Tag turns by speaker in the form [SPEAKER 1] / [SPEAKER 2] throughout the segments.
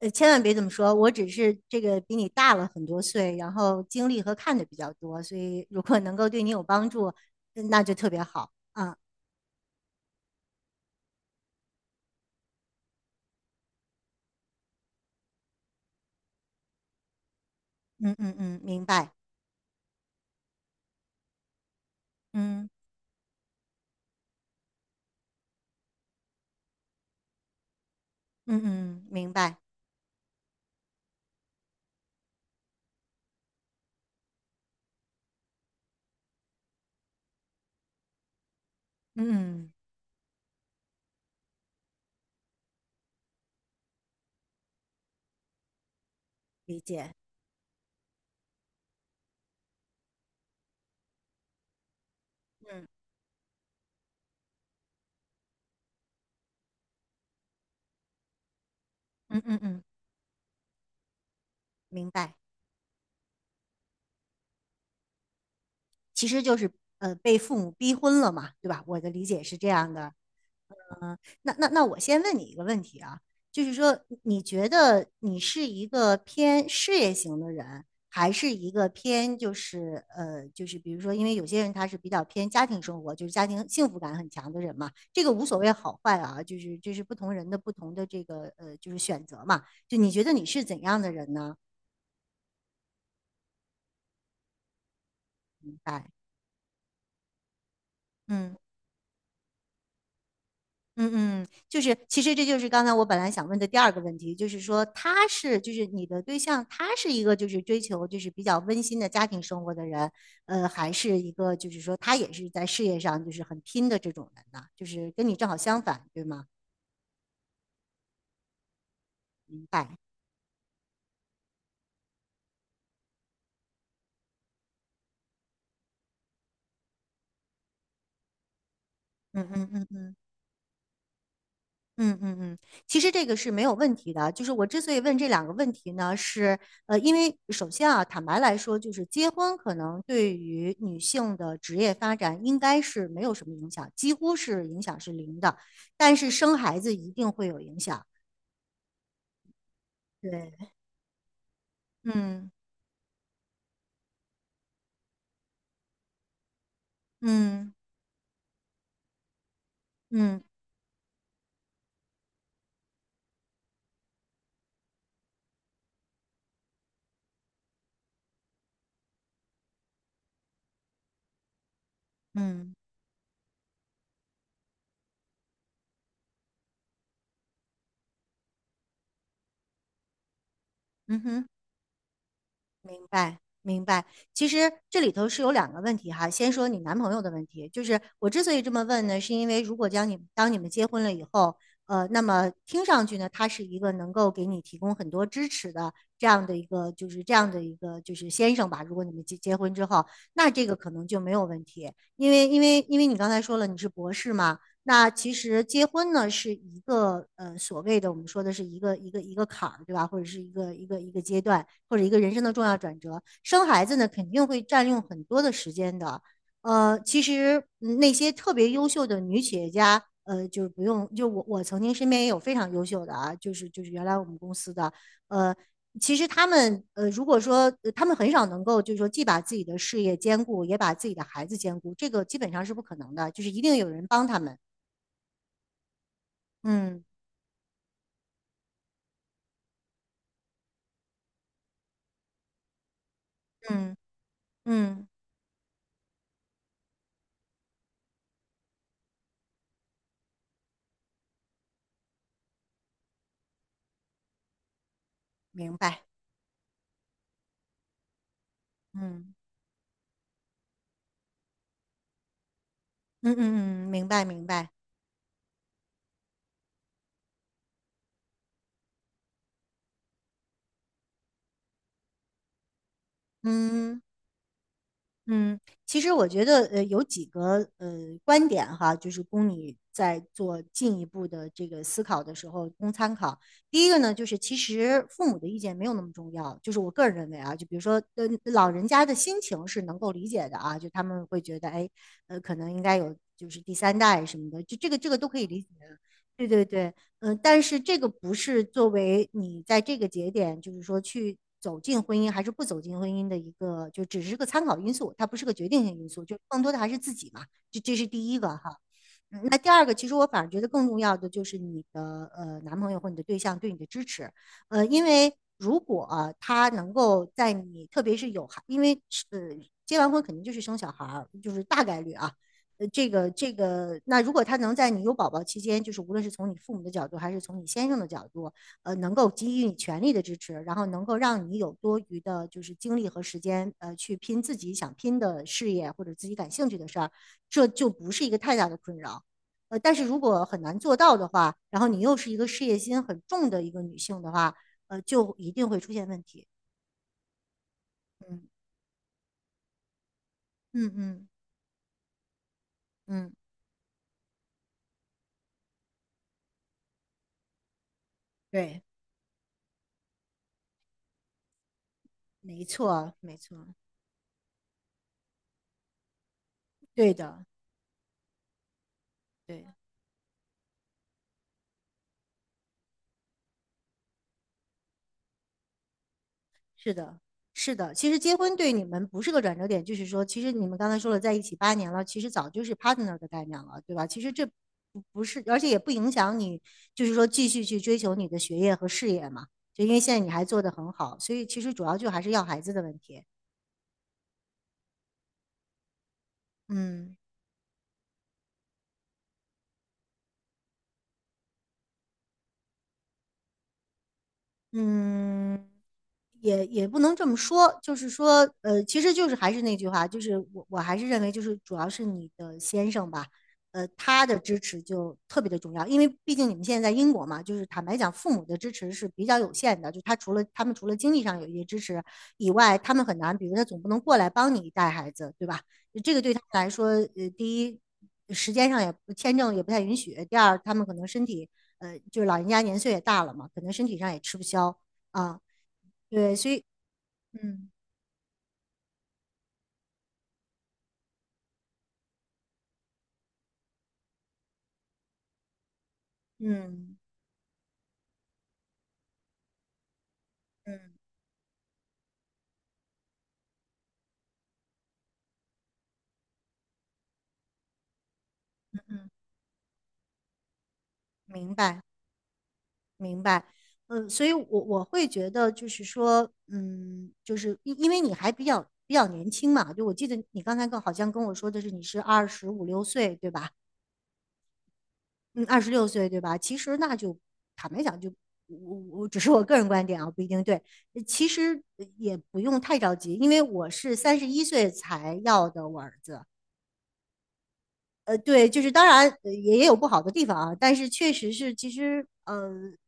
[SPEAKER 1] 千万别这么说，我只是这个比你大了很多岁，然后经历和看的比较多，所以如果能够对你有帮助，那就特别好啊。嗯嗯嗯，明白。嗯嗯嗯，明白。嗯嗯，理解。嗯嗯嗯嗯，明白。其实就是被父母逼婚了嘛，对吧？我的理解是这样的。嗯，那我先问你一个问题啊，就是说，你觉得你是一个偏事业型的人，还是一个偏就是就是比如说，因为有些人他是比较偏家庭生活，就是家庭幸福感很强的人嘛，这个无所谓好坏啊，就是不同人的不同的这个就是选择嘛。就你觉得你是怎样的人呢？明白？嗯嗯，就是其实这就是刚才我本来想问的第二个问题，就是说他是就是你的对象，他是一个就是追求就是比较温馨的家庭生活的人，还是一个就是说他也是在事业上就是很拼的这种人呢？就是跟你正好相反，对吗？明白。嗯嗯嗯嗯。嗯嗯嗯，其实这个是没有问题的。就是我之所以问这两个问题呢，是因为首先啊，坦白来说，就是结婚可能对于女性的职业发展应该是没有什么影响，几乎是影响是零的。但是生孩子一定会有影响。对。嗯嗯嗯嗯嗯哼。明白，明白。其实这里头是有两个问题哈。先说你男朋友的问题，就是我之所以这么问呢，是因为如果将你当你们结婚了以后，那么听上去呢，他是一个能够给你提供很多支持的这样的一个，就是这样的一个就是先生吧。如果你们结婚之后，那这个可能就没有问题，因为你刚才说了你是博士嘛，那其实结婚呢是一个所谓的我们说的是一个坎儿，对吧？或者是一个阶段，或者一个人生的重要转折。生孩子呢肯定会占用很多的时间的。其实嗯那些特别优秀的女企业家，就是不用，就我曾经身边也有非常优秀的啊，就是原来我们公司的，呃，其实他们如果说他们很少能够，就是说既把自己的事业兼顾，也把自己的孩子兼顾，这个基本上是不可能的，就是一定有人帮他们。嗯嗯嗯，明白。嗯嗯嗯嗯，明白明白。嗯嗯，其实我觉得有几个观点哈，就是供你在做进一步的这个思考的时候供参考。第一个呢，就是其实父母的意见没有那么重要，就是我个人认为啊，就比如说老人家的心情是能够理解的啊，就他们会觉得哎,可能应该有就是第三代什么的，就这个这个都可以理解。对对对，但是这个不是作为你在这个节点，就是说去走进婚姻还是不走进婚姻的一个，就只是个参考因素，它不是个决定性因素，就更多的还是自己嘛，这是第一个哈。嗯那第二个，其实我反而觉得更重要的就是你的男朋友或你的对象对你的支持，因为如果、啊他能够在你特别是有孩，因为是结完婚肯定就是生小孩儿，就是大概率啊，这个这个，那如果他能在你有宝宝期间，就是无论是从你父母的角度，还是从你先生的角度，能够给予你全力的支持，然后能够让你有多余的，就是精力和时间，去拼自己想拼的事业或者自己感兴趣的事儿，这就不是一个太大的困扰。但是如果很难做到的话，然后你又是一个事业心很重的一个女性的话，就一定会出现问题。嗯嗯嗯嗯，对，没错，没错，对的，对。是的，是的。其实结婚对你们不是个转折点，就是说，其实你们刚才说了在一起8年了，其实早就是 partner 的概念了，对吧？其实这不是，而且也不影响你，就是说继续去追求你的学业和事业嘛。就因为现在你还做得很好，所以其实主要就还是要孩子的问题。嗯。嗯，也不能这么说，就是说，其实就是还是那句话，就是我还是认为，就是主要是你的先生吧，他的支持就特别的重要，因为毕竟你们现在在英国嘛，就是坦白讲，父母的支持是比较有限的，就他除了他们除了经济上有一些支持以外，他们很难，比如他总不能过来帮你带孩子，对吧？这个对他们来说，第一，时间上也签证也不太允许；第二，他们可能身体，就是老人家年岁也大了嘛，可能身体上也吃不消啊。对，所以，嗯嗯嗯嗯，明白明白。嗯，所以我会觉得就是说，嗯，就是因为你还比较年轻嘛，就我记得你刚才跟好像跟我说的是你是25、6岁，对吧？嗯，26岁对吧？其实那就坦白讲就，我只是我个人观点啊，不一定对。其实也不用太着急，因为我是31岁才要的我儿子，对，就是当然也有不好的地方啊，但是确实是，其实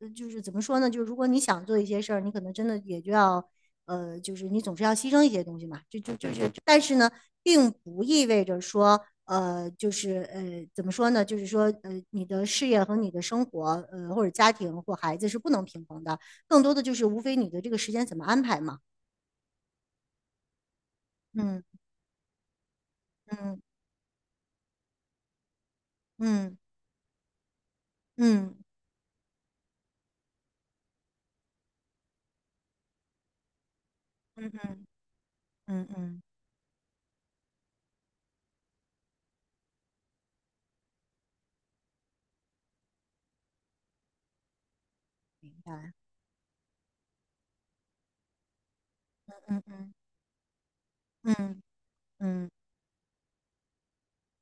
[SPEAKER 1] 就是怎么说呢？就是如果你想做一些事儿，你可能真的也就要就是你总是要牺牲一些东西嘛，就是，但是呢，并不意味着说就是怎么说呢？就是说你的事业和你的生活或者家庭或孩子是不能平衡的，更多的就是无非你的这个时间怎么安排嘛。嗯嗯嗯嗯嗯嗯嗯嗯，明白。嗯嗯嗯。嗯，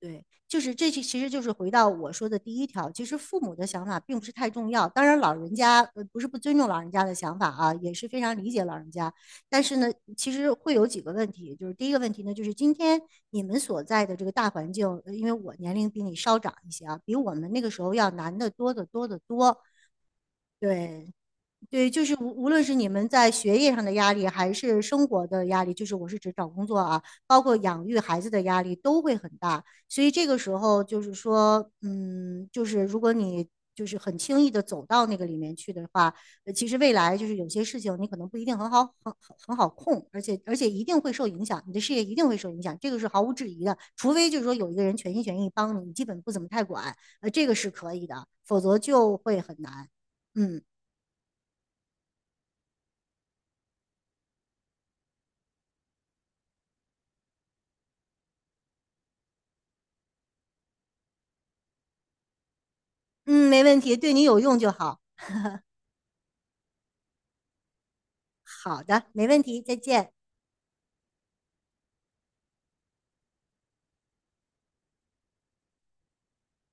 [SPEAKER 1] 对，就是这其实就是回到我说的第一条，其实父母的想法并不是太重要。当然，老人家不是不尊重老人家的想法啊，也是非常理解老人家。但是呢，其实会有几个问题，就是第一个问题呢，就是今天你们所在的这个大环境，因为我年龄比你稍长一些啊，比我们那个时候要难得多得多得多。对，对，就是无论是你们在学业上的压力，还是生活的压力，就是我是指找工作啊，包括养育孩子的压力都会很大。所以这个时候就是说，嗯，就是如果你就是很轻易的走到那个里面去的话，其实未来就是有些事情你可能不一定很好很好控，而且一定会受影响，你的事业一定会受影响，这个是毫无质疑的。除非就是说有一个人全心全意帮你，你基本不怎么太管，这个是可以的，否则就会很难。嗯。嗯，没问题，对你有用就好。好的，没问题，再见。